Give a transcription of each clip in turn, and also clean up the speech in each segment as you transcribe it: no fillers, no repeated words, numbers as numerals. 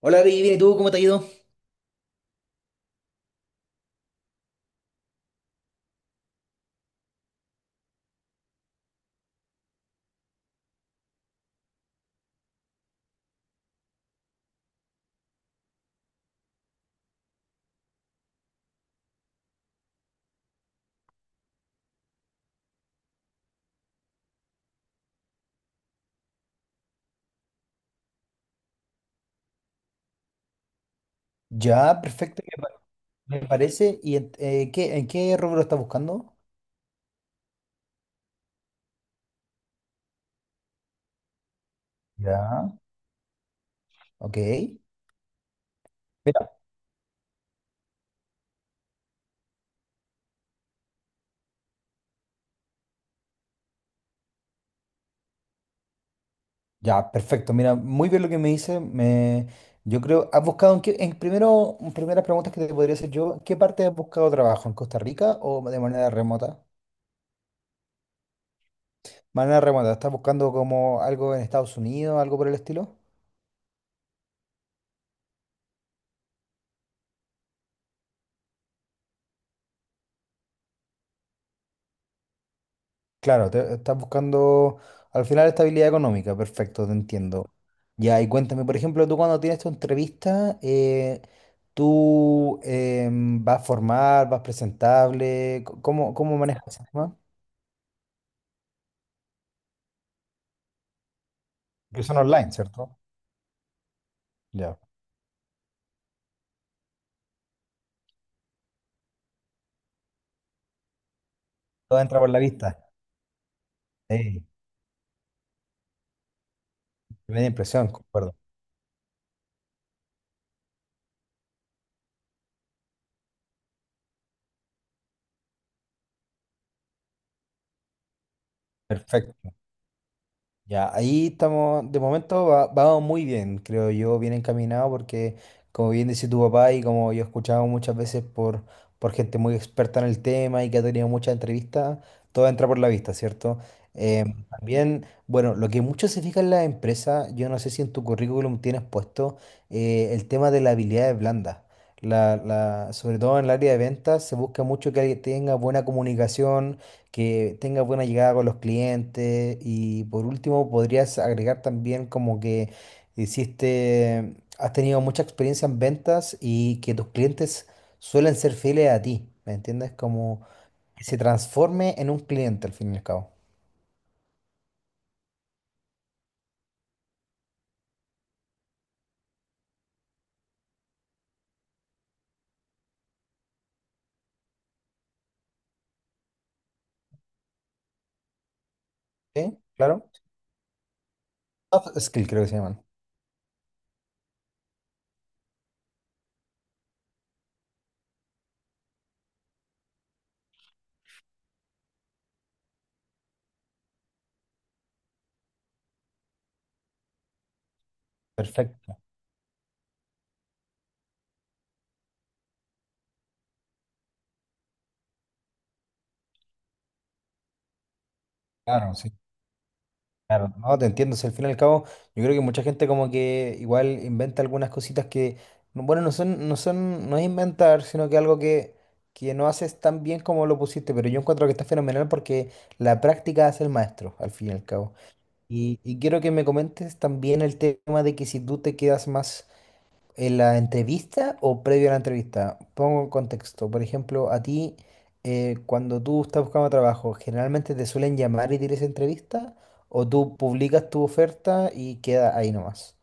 Hola, Vivi, bien, ¿y tú cómo te ha ido? Ya, perfecto, me parece. ¿Y en qué rubro estás buscando? Ya. Ok, ya, perfecto. Mira, muy bien lo que me dice. Yo creo, ¿has buscado en qué, en primero, en primeras preguntas que te podría hacer yo, ¿en qué parte has buscado trabajo? ¿En Costa Rica o de manera remota? Manera remota, ¿estás buscando como algo en Estados Unidos, algo por el estilo? Claro, estás buscando al final estabilidad económica, perfecto, te entiendo. Ya, y cuéntame, por ejemplo, tú cuando tienes tu entrevista, ¿tú vas formal, vas presentable? Cómo manejas ese tema? Porque son online, ¿cierto? Ya. Todo entra por la vista. Sí, me da impresión, concuerdo. Perfecto. Ya, ahí estamos, de momento vamos muy bien, creo yo, bien encaminado porque como bien decía tu papá y como yo he escuchado muchas veces por gente muy experta en el tema y que ha tenido muchas entrevistas, todo entra por la vista, ¿cierto? Ujú. También, bueno, lo que mucho se fija en la empresa, yo no sé si en tu currículum tienes puesto el tema de las habilidades blandas. Sobre todo en el área de ventas se busca mucho que alguien tenga buena comunicación, que tenga buena llegada con los clientes, y por último podrías agregar también como que hiciste, has tenido mucha experiencia en ventas y que tus clientes suelen ser fieles a ti, ¿me entiendes? Como que se transforme en un cliente al fin y al cabo. ¿Sí? Claro. Soft skill creo que se llaman. Perfecto. Claro, sí. Claro, no, te entiendo. Si al fin y al cabo, yo creo que mucha gente como que igual inventa algunas cositas que, no- bueno, no son, no es inventar, sino que algo que no haces tan bien como lo pusiste, pero yo encuentro que está fenomenal porque la práctica hace el maestro, al fin y al cabo. Y quiero que me comentes también el tema de que si tú te quedas más ¿en la entrevista o previo a la entrevista? Pongo en contexto. Por ejemplo, a ti, cuando tú estás buscando trabajo, ¿generalmente te suelen llamar y tienes entrevista? ¿O tú publicas tu oferta y queda ahí nomás?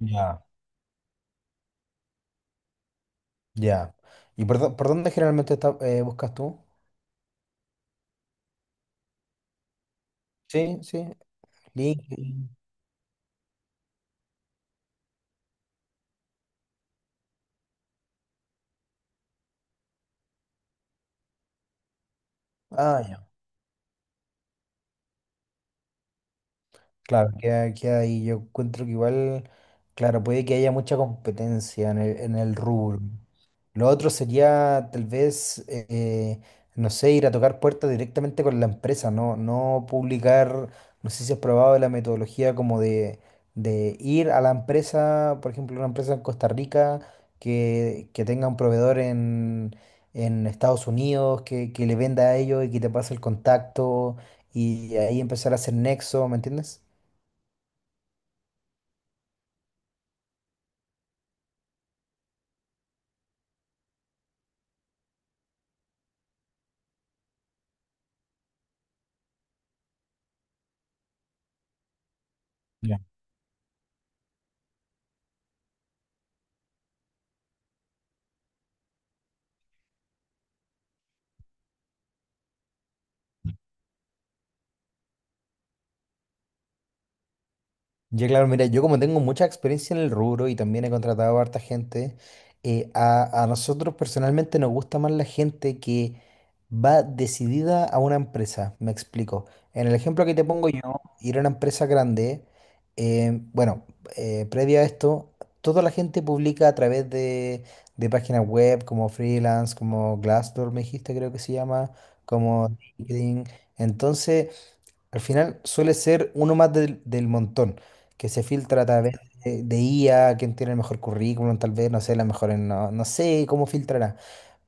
Ya. Ya. ¿Y por dónde buscas tú? Sí, sí. LinkedIn. Ah, ya. Claro, queda ahí. Yo encuentro que igual, claro, puede que haya mucha competencia en en el rubro. Lo otro sería tal vez, no sé, ir a tocar puertas directamente con la empresa, no publicar, no sé si has probado la metodología como de ir a la empresa, por ejemplo, una empresa en Costa Rica que tenga un proveedor en Estados Unidos, que le venda a ellos y que te pase el contacto y ahí empezar a hacer nexo, ¿me entiendes? Ya, claro, mira, yo como tengo mucha experiencia en el rubro y también he contratado a harta gente, a nosotros personalmente nos gusta más la gente que va decidida a una empresa, me explico. En el ejemplo que te pongo yo, ir a una empresa grande, eh, bueno, previo a esto, toda la gente publica a través de páginas web como freelance, como Glassdoor, me dijiste, creo que se llama, como LinkedIn. Entonces... al final suele ser uno más del montón, que se filtra a sí, través de IA, quién tiene el mejor currículum, tal vez, no sé, la mejor no, no sé cómo filtrará,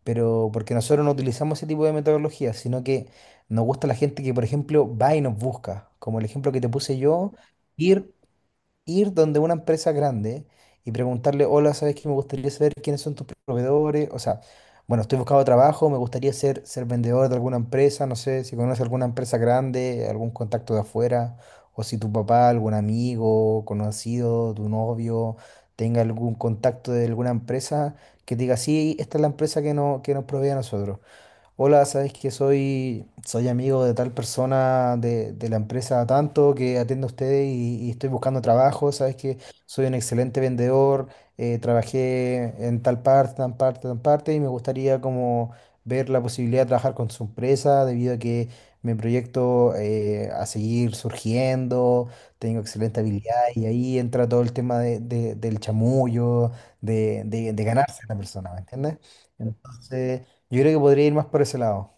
pero porque nosotros no utilizamos ese tipo de metodología, sino que nos gusta la gente que, por ejemplo, va y nos busca, como el ejemplo que te puse yo, ir ir donde una empresa grande y preguntarle, hola, ¿sabes que me gustaría saber quiénes son tus proveedores? O sea, bueno, estoy buscando trabajo, me gustaría ser vendedor de alguna empresa, no sé si conoces alguna empresa grande, algún contacto de afuera, o si tu papá, algún amigo, conocido, tu novio, tenga algún contacto de alguna empresa que te diga, sí, esta es la empresa que, no, que nos provee a nosotros. Hola, sabes que soy amigo de tal persona de la empresa tanto que atiende a ustedes y estoy buscando trabajo. Sabes que soy un excelente vendedor, trabajé en tal parte, tan parte, tan parte y me gustaría como ver la posibilidad de trabajar con su empresa debido a que mi proyecto a seguir surgiendo, tengo excelente habilidad y ahí entra todo el tema del chamullo, de ganarse a la persona, ¿me entiendes? Entonces... yo creo que podría ir más por ese lado.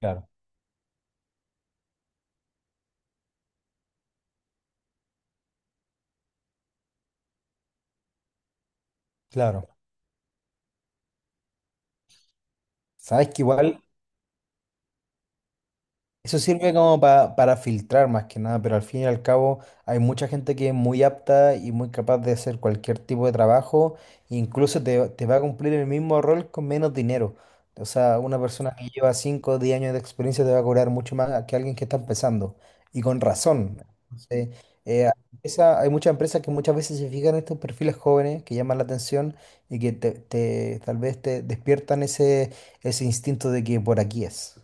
Claro. Claro. Sabes que igual eso sirve como para filtrar más que nada, pero al fin y al cabo hay mucha gente que es muy apta y muy capaz de hacer cualquier tipo de trabajo, e incluso te va a cumplir el mismo rol con menos dinero. O sea, una persona que lleva 5 o 10 años de experiencia te va a cobrar mucho más que alguien que está empezando, y con razón. Entonces, eh, hay muchas empresas que muchas veces se fijan en estos perfiles jóvenes que llaman la atención y que tal vez te despiertan ese instinto de que por aquí es.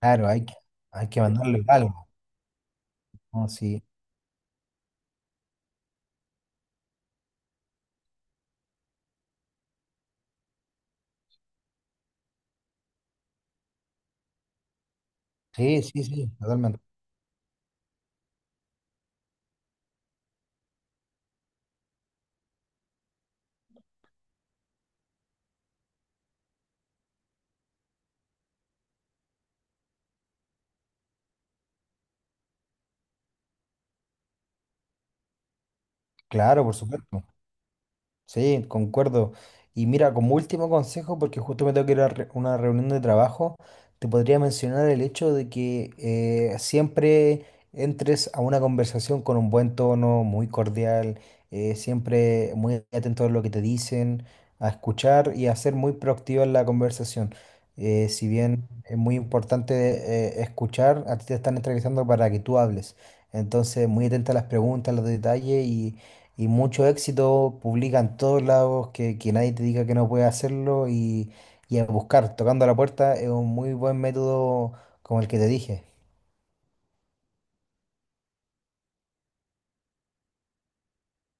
Claro, hay que mandarle algo, ¿no? Sí, sí, sí, sí, totalmente. Claro, por supuesto. Sí, concuerdo. Y mira, como último consejo, porque justo me tengo que ir a una reunión de trabajo, te podría mencionar el hecho de que siempre entres a una conversación con un buen tono, muy cordial, siempre muy atento a lo que te dicen, a escuchar y a ser muy proactivo en la conversación. Si bien es muy importante escuchar, a ti te están entrevistando para que tú hables. Entonces, muy atenta a las preguntas, a los detalles y mucho éxito, publica en todos lados, que nadie te diga que no puedes hacerlo y a buscar, tocando a la puerta, es un muy buen método como el que te dije.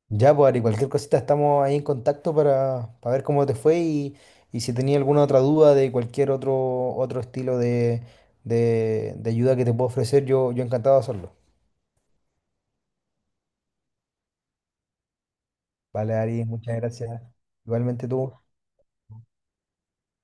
Ya, pues, Ari, cualquier cosita estamos ahí en contacto para ver cómo te fue y si tenía alguna otra duda de cualquier otro estilo de ayuda que te puedo ofrecer, yo encantado de hacerlo. Vale, Ari, muchas gracias. Igualmente tú.